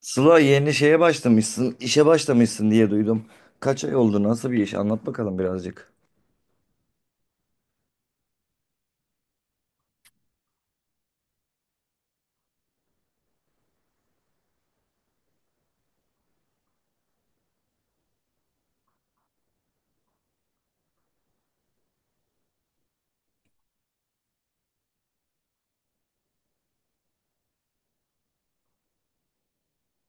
Sıla yeni şeye başlamışsın, işe başlamışsın diye duydum. Kaç ay oldu, nasıl bir iş? Anlat bakalım birazcık.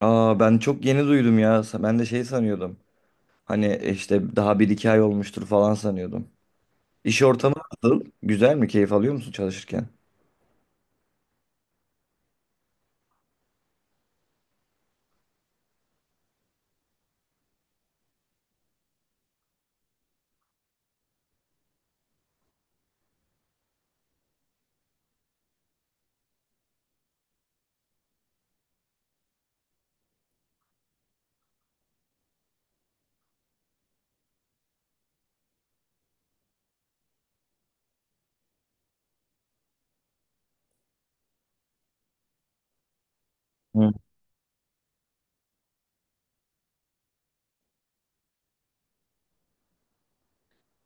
Aa ben çok yeni duydum ya. Ben de şey sanıyordum. Hani işte daha bir iki ay olmuştur falan sanıyordum. İş ortamı nasıl? Güzel mi? Keyif alıyor musun çalışırken? Hı.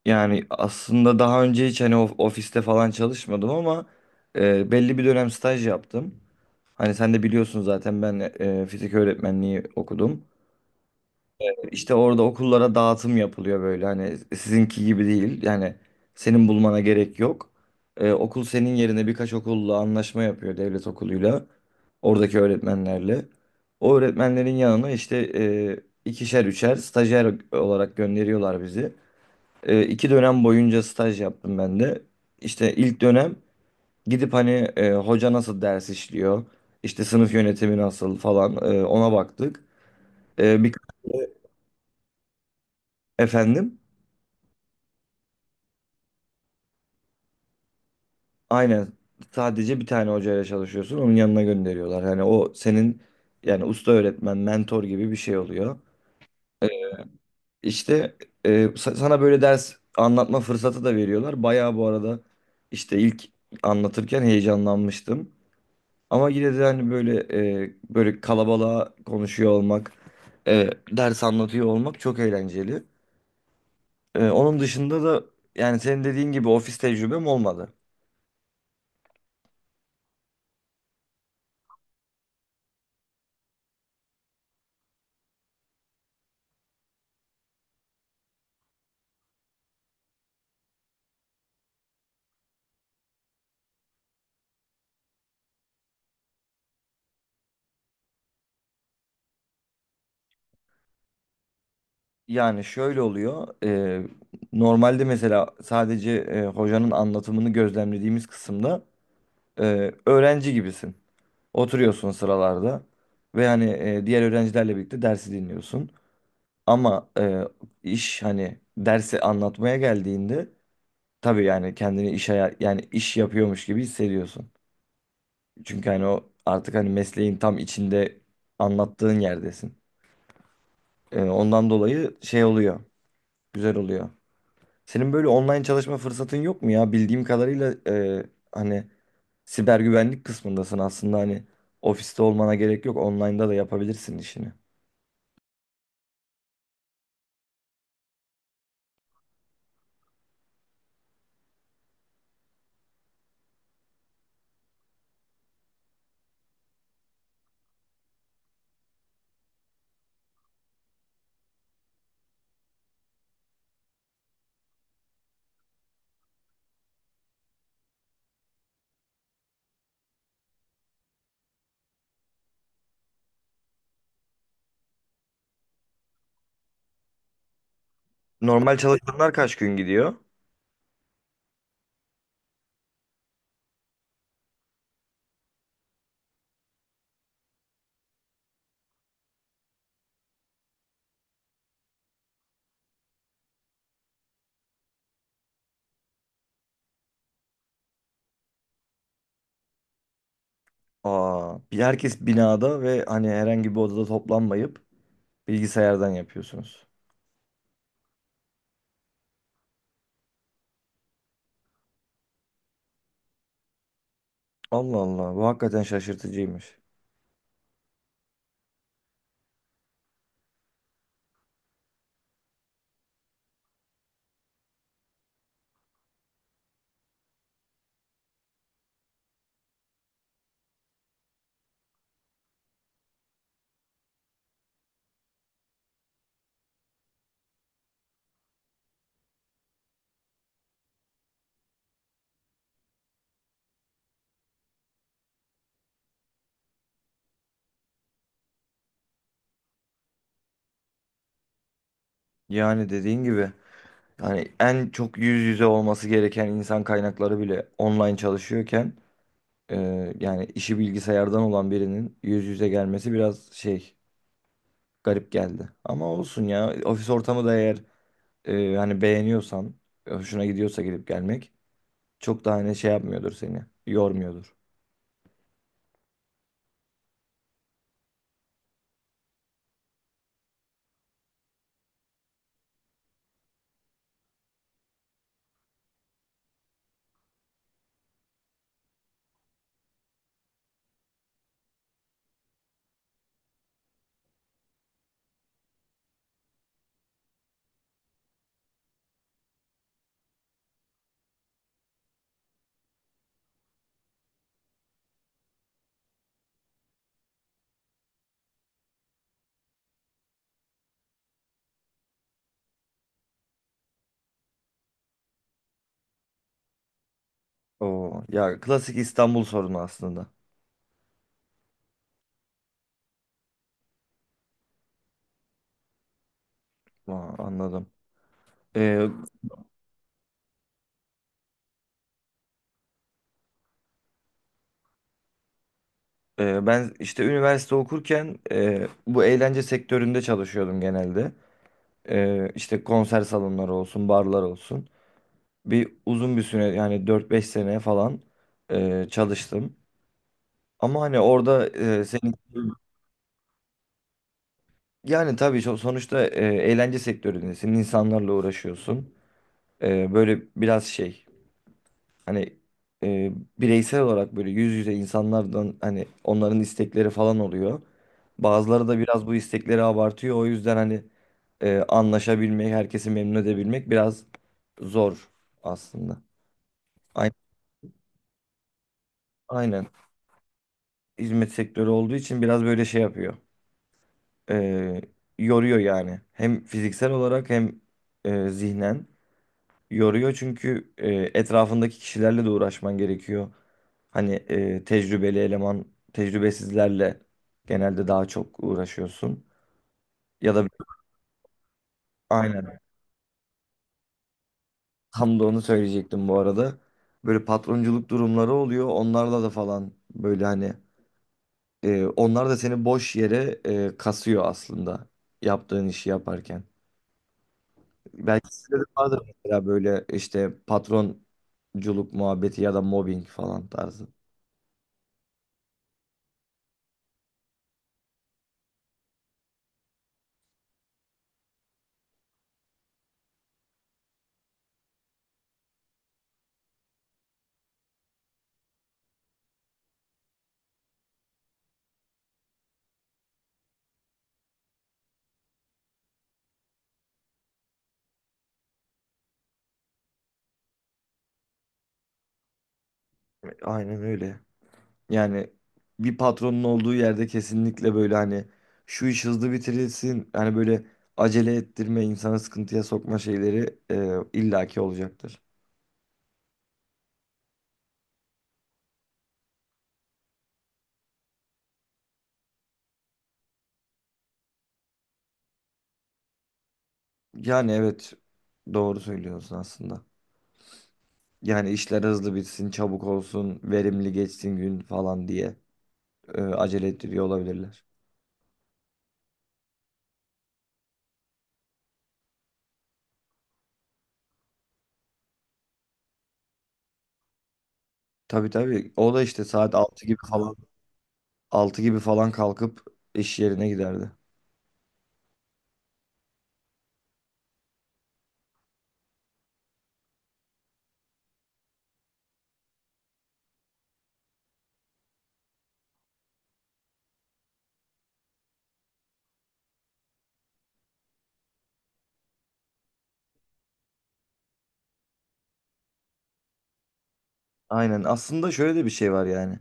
Yani aslında daha önce hiç hani ofiste falan çalışmadım ama belli bir dönem staj yaptım. Hani sen de biliyorsun zaten ben fizik öğretmenliği okudum. İşte orada okullara dağıtım yapılıyor böyle hani sizinki gibi değil yani senin bulmana gerek yok. Okul senin yerine birkaç okulla anlaşma yapıyor devlet okuluyla oradaki öğretmenlerle. O öğretmenlerin yanına işte ikişer üçer stajyer olarak gönderiyorlar bizi. 2 dönem boyunca staj yaptım ben de. İşte ilk dönem gidip hani hoca nasıl ders işliyor, işte sınıf yönetimi nasıl falan ona baktık. E, bir Efendim. Aynen. Sadece bir tane hocayla çalışıyorsun. Onun yanına gönderiyorlar. Hani o senin yani usta öğretmen, mentor gibi bir şey oluyor. İşte sana böyle ders anlatma fırsatı da veriyorlar. Bayağı bu arada işte ilk anlatırken heyecanlanmıştım. Ama yine de hani böyle böyle kalabalığa konuşuyor olmak, ders anlatıyor olmak çok eğlenceli. Onun dışında da yani senin dediğin gibi ofis tecrübem olmadı. Yani şöyle oluyor. Normalde mesela sadece hocanın anlatımını gözlemlediğimiz kısımda öğrenci gibisin. Oturuyorsun sıralarda ve hani diğer öğrencilerle birlikte dersi dinliyorsun. Ama iş hani dersi anlatmaya geldiğinde tabii yani kendini yani iş yapıyormuş gibi hissediyorsun. Çünkü hani o artık hani mesleğin tam içinde anlattığın yerdesin. Ondan dolayı şey oluyor. Güzel oluyor. Senin böyle online çalışma fırsatın yok mu ya? Bildiğim kadarıyla hani siber güvenlik kısmındasın aslında hani ofiste olmana gerek yok. Online'da da yapabilirsin işini. Normal çalışanlar kaç gün gidiyor? Aa, herkes binada ve hani herhangi bir odada toplanmayıp bilgisayardan yapıyorsunuz. Allah Allah, bu hakikaten şaşırtıcıymış. Yani dediğin gibi yani en çok yüz yüze olması gereken insan kaynakları bile online çalışıyorken yani işi bilgisayardan olan birinin yüz yüze gelmesi biraz şey garip geldi. Ama olsun ya ofis ortamı da eğer hani beğeniyorsan hoşuna gidiyorsa gidip gelmek çok da hani şey yapmıyordur seni yormuyordur. Oo, ya klasik İstanbul sorunu aslında. Aa, anladım. Ee, Ben işte üniversite okurken bu eğlence sektöründe çalışıyordum genelde. İşte konser salonları olsun, barlar olsun. Uzun bir süre yani 4 5 sene falan çalıştım. Ama hani orada senin yani tabii sonuçta eğlence sektöründesin, insanlarla uğraşıyorsun. Böyle biraz şey hani e, bireysel olarak böyle yüz yüze insanlardan hani onların istekleri falan oluyor. Bazıları da biraz bu istekleri abartıyor. O yüzden hani anlaşabilmek, herkesi memnun edebilmek biraz zor aslında. Aynen. Aynen. Hizmet sektörü olduğu için biraz böyle şey yapıyor. Ee, Yoruyor yani. Hem fiziksel olarak hem zihnen yoruyor çünkü etrafındaki kişilerle de uğraşman gerekiyor. Hani tecrübeli eleman, tecrübesizlerle genelde daha çok uğraşıyorsun. Ya da aynen tam da onu söyleyecektim bu arada. Böyle patronculuk durumları oluyor. Onlarla da falan böyle hani onlar da seni boş yere kasıyor aslında yaptığın işi yaparken. Belki sizde de vardır mesela böyle işte patronculuk muhabbeti ya da mobbing falan tarzı. Aynen öyle. Yani bir patronun olduğu yerde kesinlikle böyle hani şu iş hızlı bitirilsin hani böyle acele ettirme insanı sıkıntıya sokma şeyleri illaki olacaktır. Yani evet doğru söylüyorsun aslında. Yani işler hızlı bitsin, çabuk olsun, verimli geçsin gün falan diye acele ettiriyor olabilirler. Tabii tabii. O da işte saat altı gibi falan kalkıp iş yerine giderdi. Aynen. Aslında şöyle de bir şey var yani.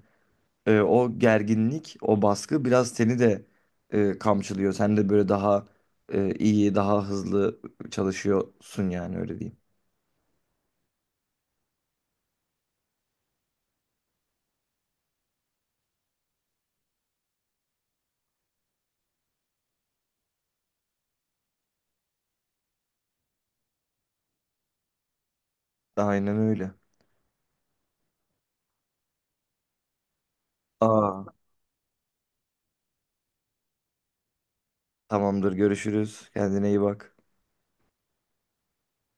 O gerginlik, o baskı biraz seni de kamçılıyor. Sen de böyle daha iyi, daha hızlı çalışıyorsun yani öyle diyeyim. Aynen öyle. Aa, tamamdır. Görüşürüz. Kendine iyi bak.